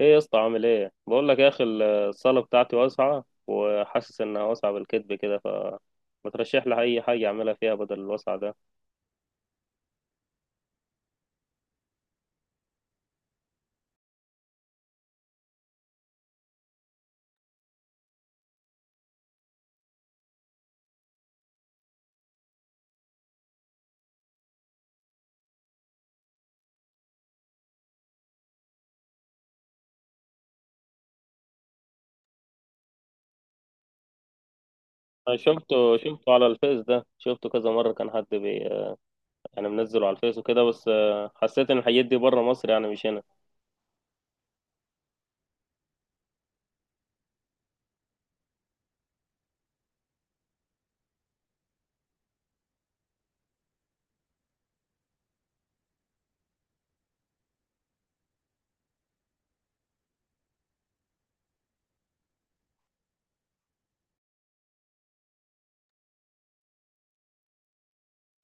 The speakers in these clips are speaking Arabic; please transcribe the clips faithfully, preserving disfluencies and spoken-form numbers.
ايه يا اسطى؟ عامل ايه؟ بقول لك يا اخي الصاله بتاعتي واسعه وحاسس انها واسعه بالكذب كده. ف ما ترشح لي اي حاجه اعملها فيها بدل الوسع ده. انا شفته شفته على الفيس، ده شفته كذا مره، كان حد بي يعني منزله على الفيس وكده. بس آه، حسيت ان الحاجات دي بره مصر يعني، مش هنا.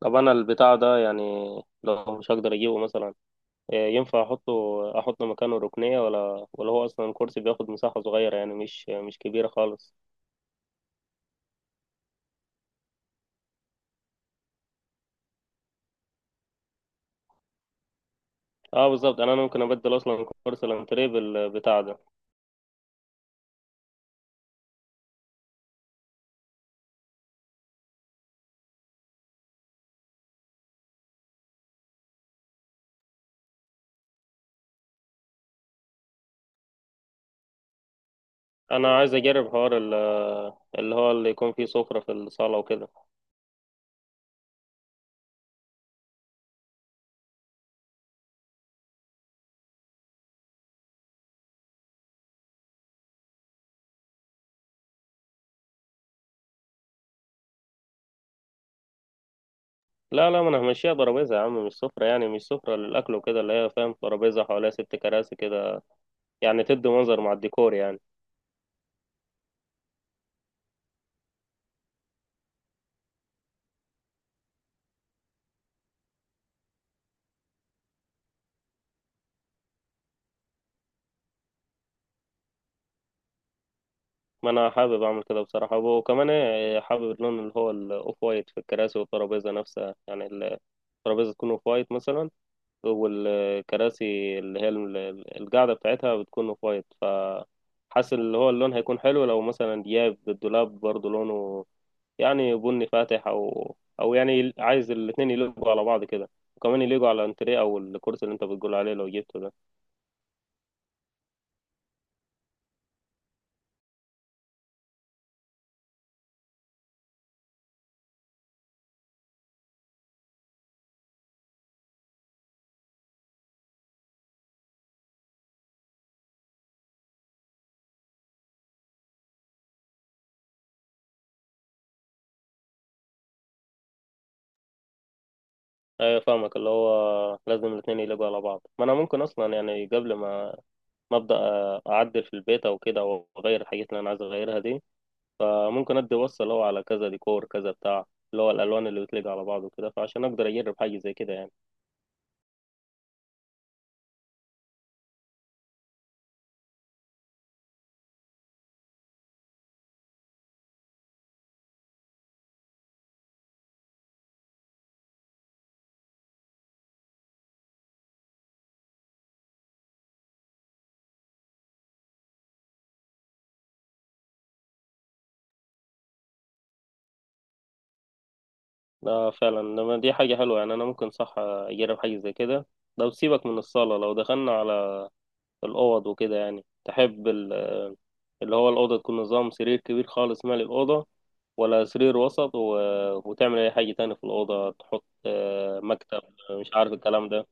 طب انا البتاع ده يعني لو مش هقدر اجيبه مثلا، آه، ينفع احطه، احط مكانه ركنيه؟ ولا ولا هو اصلا الكرسي بياخد مساحه صغيره يعني، مش مش كبيره خالص. اه بالظبط، انا أنا ممكن ابدل اصلا كرسي الانتريه بالبتاع ده. انا عايز اجرب حوار ال- اللي هو اللي يكون فيه سفرة في الصالة وكده. لا لا ما انا همشيها ترابيزة يا عم، مش سفرة، يعني مش سفرة للاكل وكده، اللي هي فاهم ترابيزة حواليها ست كراسي كده، يعني تدي منظر مع الديكور يعني. ما انا حابب اعمل كده بصراحة، وكمان إيه، حابب اللون اللي هو الاوف وايت في الكراسي والترابيزة نفسها، يعني الترابيزة تكون اوف وايت مثلا، والكراسي اللي هي ال- القاعدة بتاعتها بتكون اوف وايت. ف حاسس اللي هو اللون هيكون حلو لو مثلا دياب الدولاب برضه لونه يعني بني فاتح، او او يعني عايز الاتنين يلقوا على بعض كده، وكمان يلقوا على الانتريه او الكرسي اللي انت بتقول عليه لو جبته ده. ايوه فاهمك، اللي هو لازم الاتنين يلقوا على بعض. ما انا ممكن اصلا يعني قبل ما ما ابدا اعدل في البيت او كده، او اغير الحاجات اللي انا عايز اغيرها دي، فممكن ادي وصل اللي هو على كذا ديكور كذا بتاع، اللي هو الالوان اللي بتليق على بعض وكده، فعشان اقدر اجرب حاجه زي كده يعني. ده فعلا لما دي حاجه حلوه يعني، انا ممكن صح اجرب حاجه زي كده. لو سيبك من الصاله، لو دخلنا على الأوض وكده، يعني تحب ال- اللي هو الأوضة تكون نظام سرير كبير خالص مالي الأوضة، ولا سرير وسط و... وتعمل أي حاجة تاني في الأوضة تحط آه، مكتب؟ مش عارف الكلام ده.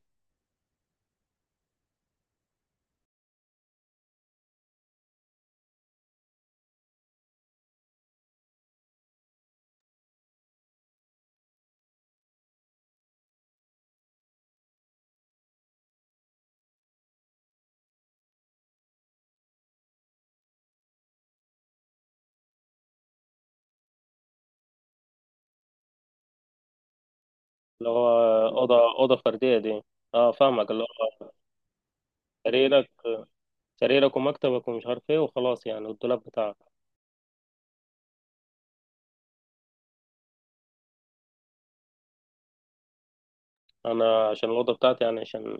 اللي هو أوضة أوضة فردية دي؟ اه فاهمك، اللي هو سريرك، سريرك ومكتبك ومش عارف ايه وخلاص يعني، والدولاب بتاعك. أنا عشان الأوضة بتاعتي يعني عشان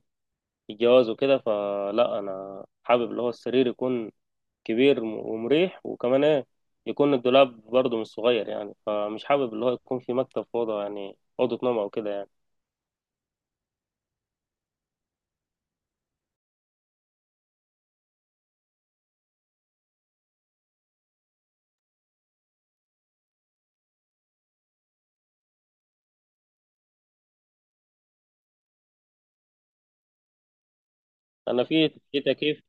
الجواز وكده، فلا أنا حابب اللي هو السرير يكون كبير ومريح، وكمان ايه، يكون الدولاب برضه مش صغير يعني، فمش حابب اللي هو يكون في مكتب في اوضه، يعني اوضه نوم او كده يعني. انا في في تكييف،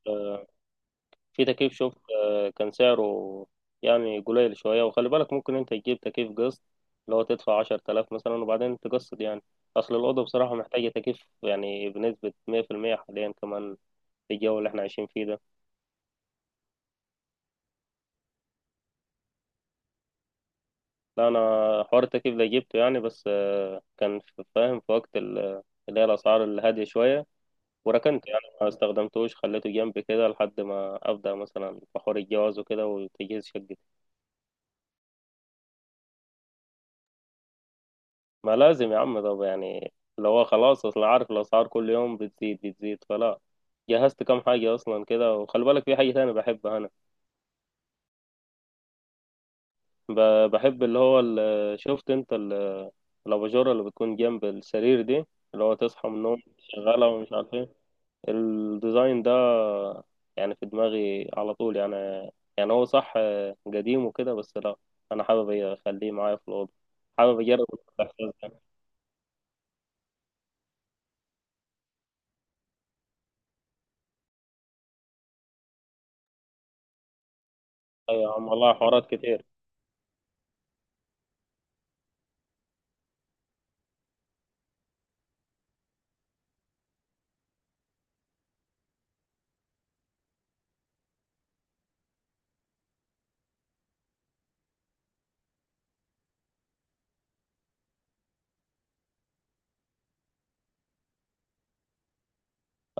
في تكييف شوف، آه، كان سعره يعني قليل شويه. وخلي بالك ممكن انت تجيب تكييف قسط، اللي هو تدفع عشر تلاف مثلا وبعدين تقسط يعني. اصل الاوضه بصراحه محتاجه تكييف يعني بنسبه مية في المية حاليا، كمان في الجو اللي احنا عايشين فيه ده. لا انا حوار التكييف ده جبته يعني، بس آه، كان في- فاهم في وقت ال- اللي هي الاسعار الهاديه شويه، وركنته يعني ما استخدمتوش، خليته جنبي كده لحد ما أبدأ مثلا في حوار الجواز وكده وتجهيز شقتي. ما لازم يا عم، طب يعني اللي هو خلاص، أصل عارف الأسعار كل يوم بتزيد بتزيد، فلا جهزت كام حاجة أصلا كده. وخلي بالك في حاجة تانية بحبها أنا. ب- بحب اللي هو ال- شفت أنت ال- الأباجورة اللي بتكون جنب السرير دي، اللي هو تصحى من النوم شغالة ومش عارف إيه. الديزاين ده يعني في دماغي على طول يعني. يعني هو صح آه، قديم وكده، بس لا انا حابب اخليه معايا في الاوضه، حابب اجرب الاحساس ده. ايوه يا عم والله حوارات كتير.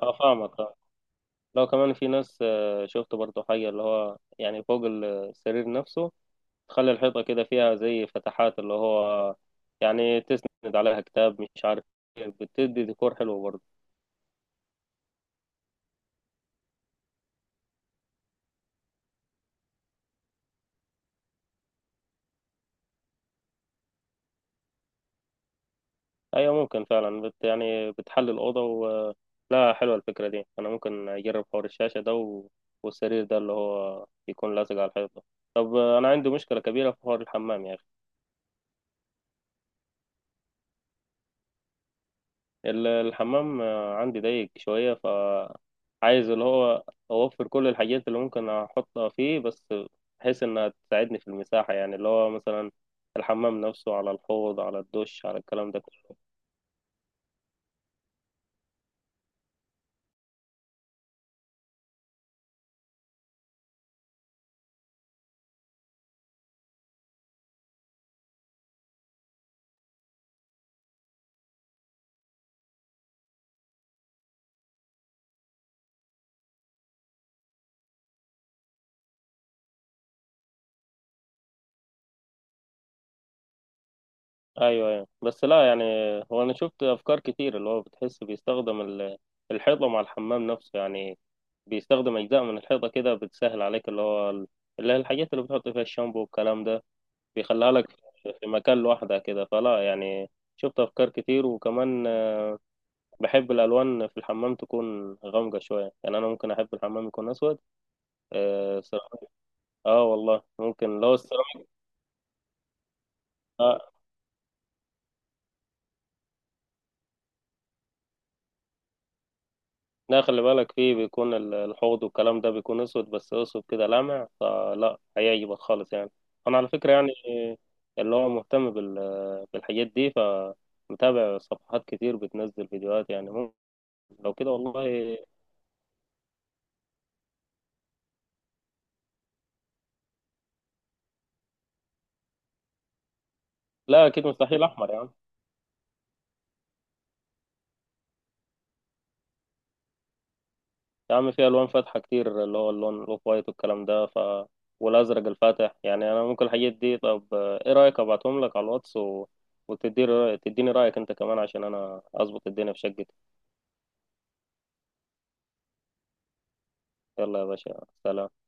اه فاهمك اه. لو كمان في ناس آه، شفت برضو حاجه اللي هو يعني فوق السرير نفسه تخلي الحيطه كده فيها زي فتحات، اللي هو يعني تسند عليها كتاب مش عارف إيه، بتدي ديكور حلو برضو. ايوه ممكن فعلا بت يعني بتحل الاوضه و... لا حلوه الفكره دي. انا ممكن اجرب حوار الشاشه ده و... والسرير ده اللي هو يكون لازق على الحيطه ده. طب انا عندي مشكله كبيره في حوار الحمام يا اخي. ال- الحمام آه، عندي ضيق شويه، ف عايز اللي هو اوفر كل الحاجات اللي ممكن احطها فيه، بس بحيث انها تساعدني في المساحه، يعني اللي هو مثلا الحمام نفسه، على الحوض، على الدش، على الكلام ده. ايوه ايوه بس لا يعني، هو انا شفت افكار كتير اللي هو بتحس بيستخدم ال- الحيطه مع الحمام نفسه يعني، بيستخدم اجزاء من الحيطه كده بتسهل عليك اللي هو ال- اللي هي الحاجات اللي بتحط فيها الشامبو والكلام ده، بيخليها لك في مكان لوحدها كده. فلا يعني شفت افكار كتير، وكمان آه، بحب الالوان في الحمام تكون غامقه شويه، يعني انا ممكن احب الحمام يكون اسود. آه, سيراميك. اه والله ممكن لو السيراميك آه، لا خلي بالك فيه بيكون ال- الحوض والكلام ده بيكون اسود، بس اسود كده لامع، فلا هيعجبك خالص يعني. انا على فكرة يعني اللي هو مهتم بال- بالحاجات دي، فمتابع صفحات كتير بتنزل فيديوهات يعني ممكن. لو كده والله، لا اكيد مستحيل احمر يا عم. يا عم في الوان فاتحة كتير اللي هو اللون الاوف وايت والكلام ده، ف والازرق الفاتح يعني انا ممكن الحاجات دي. طب ايه رايك ابعتهم لك على الواتس و... وتديني رايك تديني رايك انت كمان عشان انا اظبط الدنيا في شقتي. يلا يا باشا، سلام.